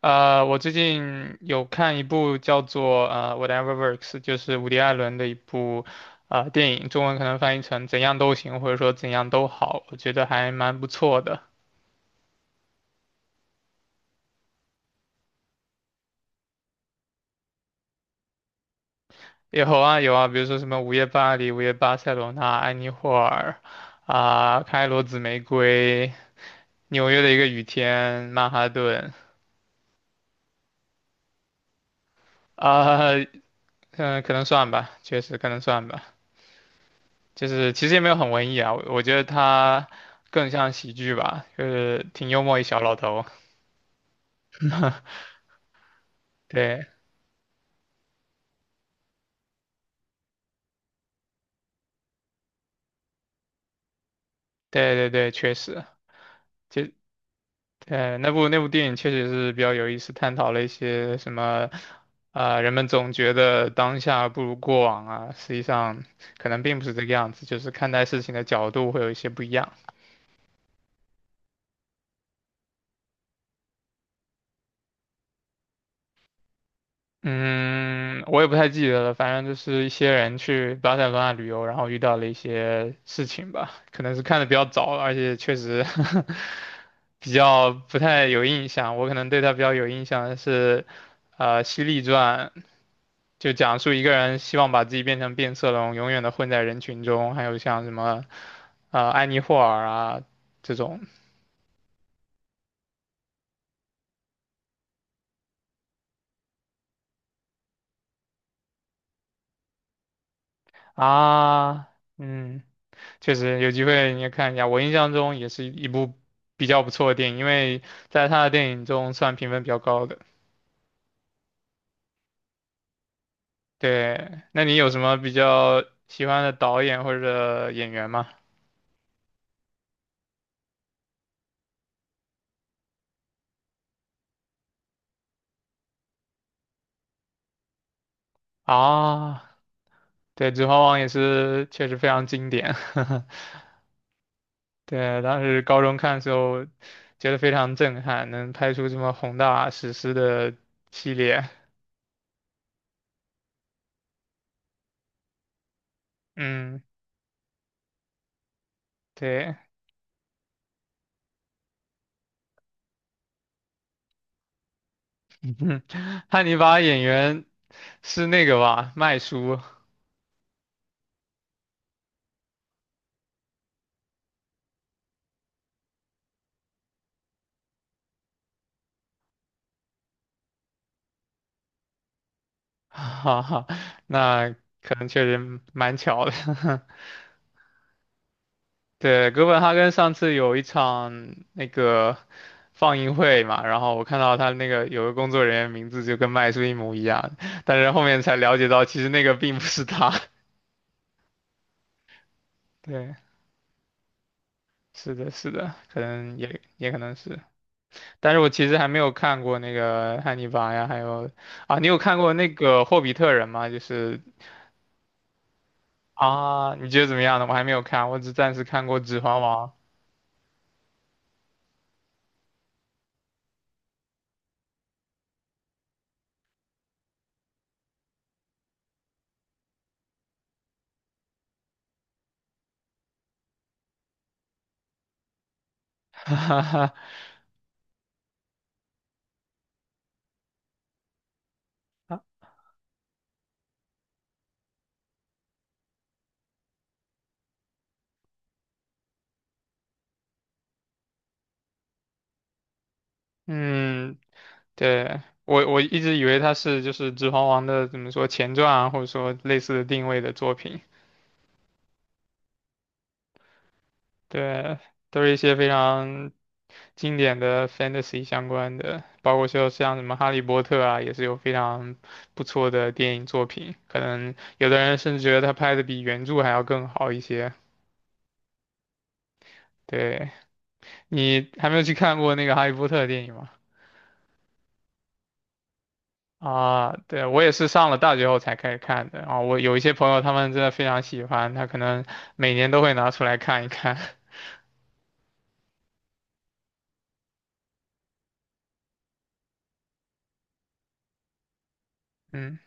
我最近有看一部叫做《Whatever Works》，就是伍迪·艾伦的一部电影，中文可能翻译成“怎样都行”或者说“怎样都好”，我觉得还蛮不错的。有啊有啊，比如说什么《午夜巴黎》《午夜巴塞罗那》《安妮霍尔》啊、开罗紫玫瑰》《纽约的一个雨天》《曼哈顿》啊，嗯、可能算吧，确实可能算吧。就是其实也没有很文艺啊，我觉得他更像喜剧吧，就是挺幽默一小老头。对对对对，确实，就那部电影确实是比较有意思，探讨了一些什么，人们总觉得当下不如过往啊，实际上可能并不是这个样子，就是看待事情的角度会有一些不一样。嗯，我也不太记得了，反正就是一些人去巴塞罗那旅游，然后遇到了一些事情吧，可能是看的比较早，而且确实 比较不太有印象。我可能对他比较有印象的是，《犀利传》就讲述一个人希望把自己变成变色龙，永远的混在人群中，还有像什么安妮霍尔啊这种啊，嗯。确实有机会你也看一下。我印象中也是一部比较不错的电影，因为在他的电影中算评分比较高的。对，那你有什么比较喜欢的导演或者演员吗？啊，对，《指环王》也是确实非常经典。对，当时高中看的时候，觉得非常震撼，能拍出这么宏大史诗的系列。嗯，对，汉尼拔演员是那个吧，麦叔。哈哈，那可能确实蛮巧的。对，哥本哈根上次有一场那个放映会嘛，然后我看到他那个有个工作人员名字就跟麦斯一模一样，但是后面才了解到其实那个并不是他。对，是的，是的，可能也可能是，但是我其实还没有看过那个《汉尼拔》呀，还有啊，你有看过那个《霍比特人》吗？就是啊，你觉得怎么样呢？我还没有看，我只暂时看过《指环王》嗯，对，我一直以为它是就是《指环王》的怎么说前传啊，或者说类似的定位的作品，对，都是一些非常经典的 fantasy 相关的，包括说像什么《哈利波特》啊，也是有非常不错的电影作品，可能有的人甚至觉得他拍的比原著还要更好一些。对，你还没有去看过那个《哈利波特》的电影吗？啊，对，我也是上了大学后才开始看的。啊。我有一些朋友，他们真的非常喜欢，他可能每年都会拿出来看一看。嗯，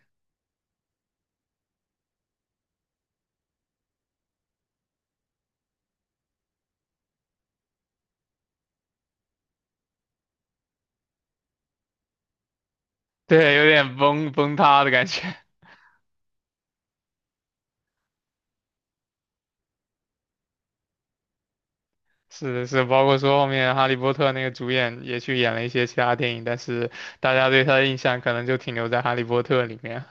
对，有点崩塌的感觉。是的是，包括说后面《哈利波特》那个主演也去演了一些其他电影，但是大家对他的印象可能就停留在《哈利波特》里面。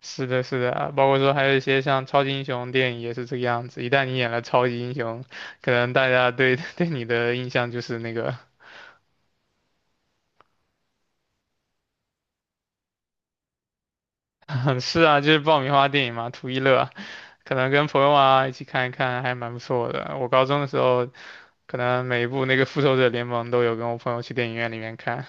是的，是的，啊包括说还有一些像超级英雄电影也是这个样子。一旦你演了超级英雄，可能大家对 对你的印象就是那个，是啊，就是爆米花电影嘛，图一乐。可能跟朋友啊一起看一看，还蛮不错的。我高中的时候，可能每一部那个《复仇者联盟》都有跟我朋友去电影院里面看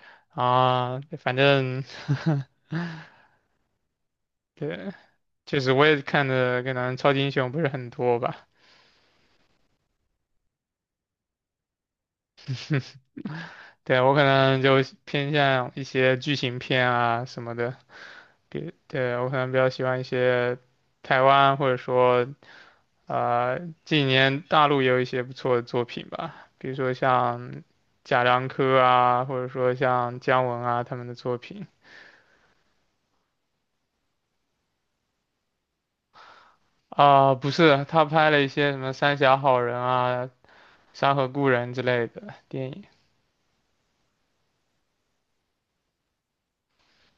啊，反正 对，确实我也看的可能超级英雄不是很多吧，对我可能就偏向一些剧情片啊什么的，比对我可能比较喜欢一些台湾或者说呃，近年大陆也有一些不错的作品吧，比如说像贾樟柯啊，或者说像姜文啊他们的作品啊，不是，他拍了一些什么《三峡好人》啊、《山河故人》之类的电影。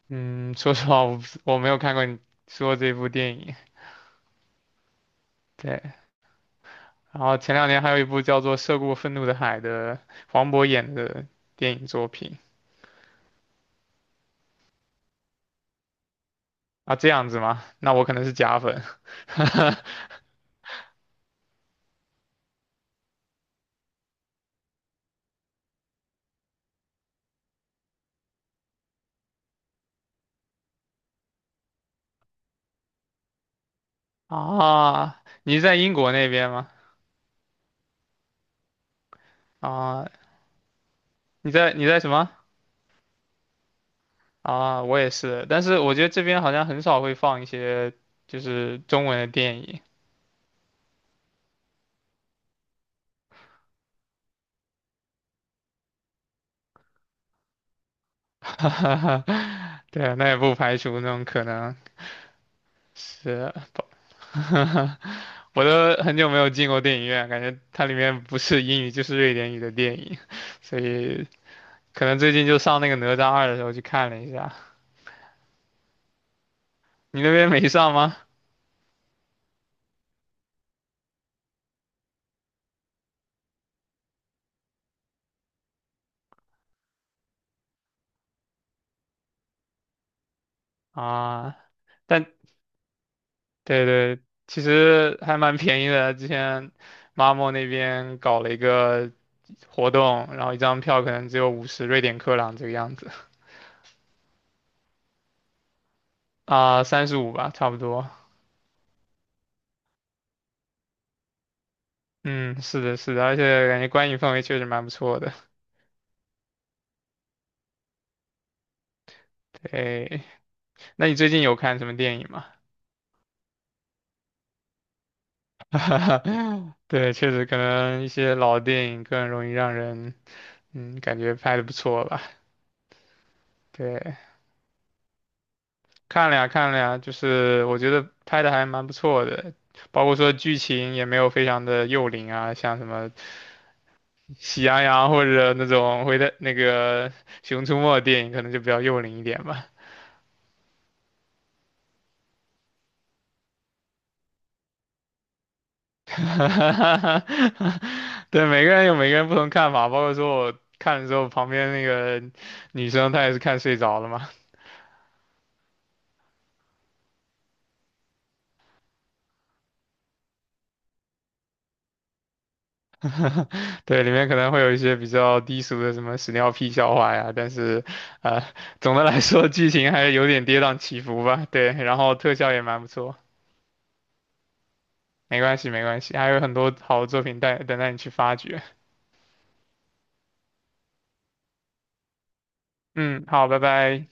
嗯，说实话，我没有看过你说这部电影。对，然后前两年还有一部叫做《涉过愤怒的海》的黄渤演的电影作品啊，这样子吗？那我可能是假粉。啊，你在英国那边吗？啊，你在什么？啊，我也是，但是我觉得这边好像很少会放一些就是中文的电影，对，那也不排除那种可能是，我都很久没有进过电影院，感觉它里面不是英语就是瑞典语的电影，所以可能最近就上那个《哪吒二》的时候去看了一下，你那边没上吗？啊，但对对，其实还蛮便宜的。之前 Mamo 那边搞了一个活动，然后一张票可能只有50瑞典克朗这个样子啊，35吧，差不多。嗯，是的，是的，而且感觉观影氛围确实蛮不错的。对，那你最近有看什么电影吗？对，确实可能一些老电影更容易让人嗯感觉拍的不错吧。对，看了呀，看了呀，就是我觉得拍的还蛮不错的，包括说剧情也没有非常的幼龄啊，像什么喜羊羊或者那种回的那个熊出没的电影，可能就比较幼龄一点吧。对，每个人有每个人不同看法，包括说我看的时候，旁边那个女生她也是看睡着了嘛。对，里面可能会有一些比较低俗的什么屎尿屁笑话呀，但是，呃，总的来说剧情还是有点跌宕起伏吧。对，然后特效也蛮不错，没关系没关系，还有很多好的作品待等待你去发掘。嗯，好，拜拜。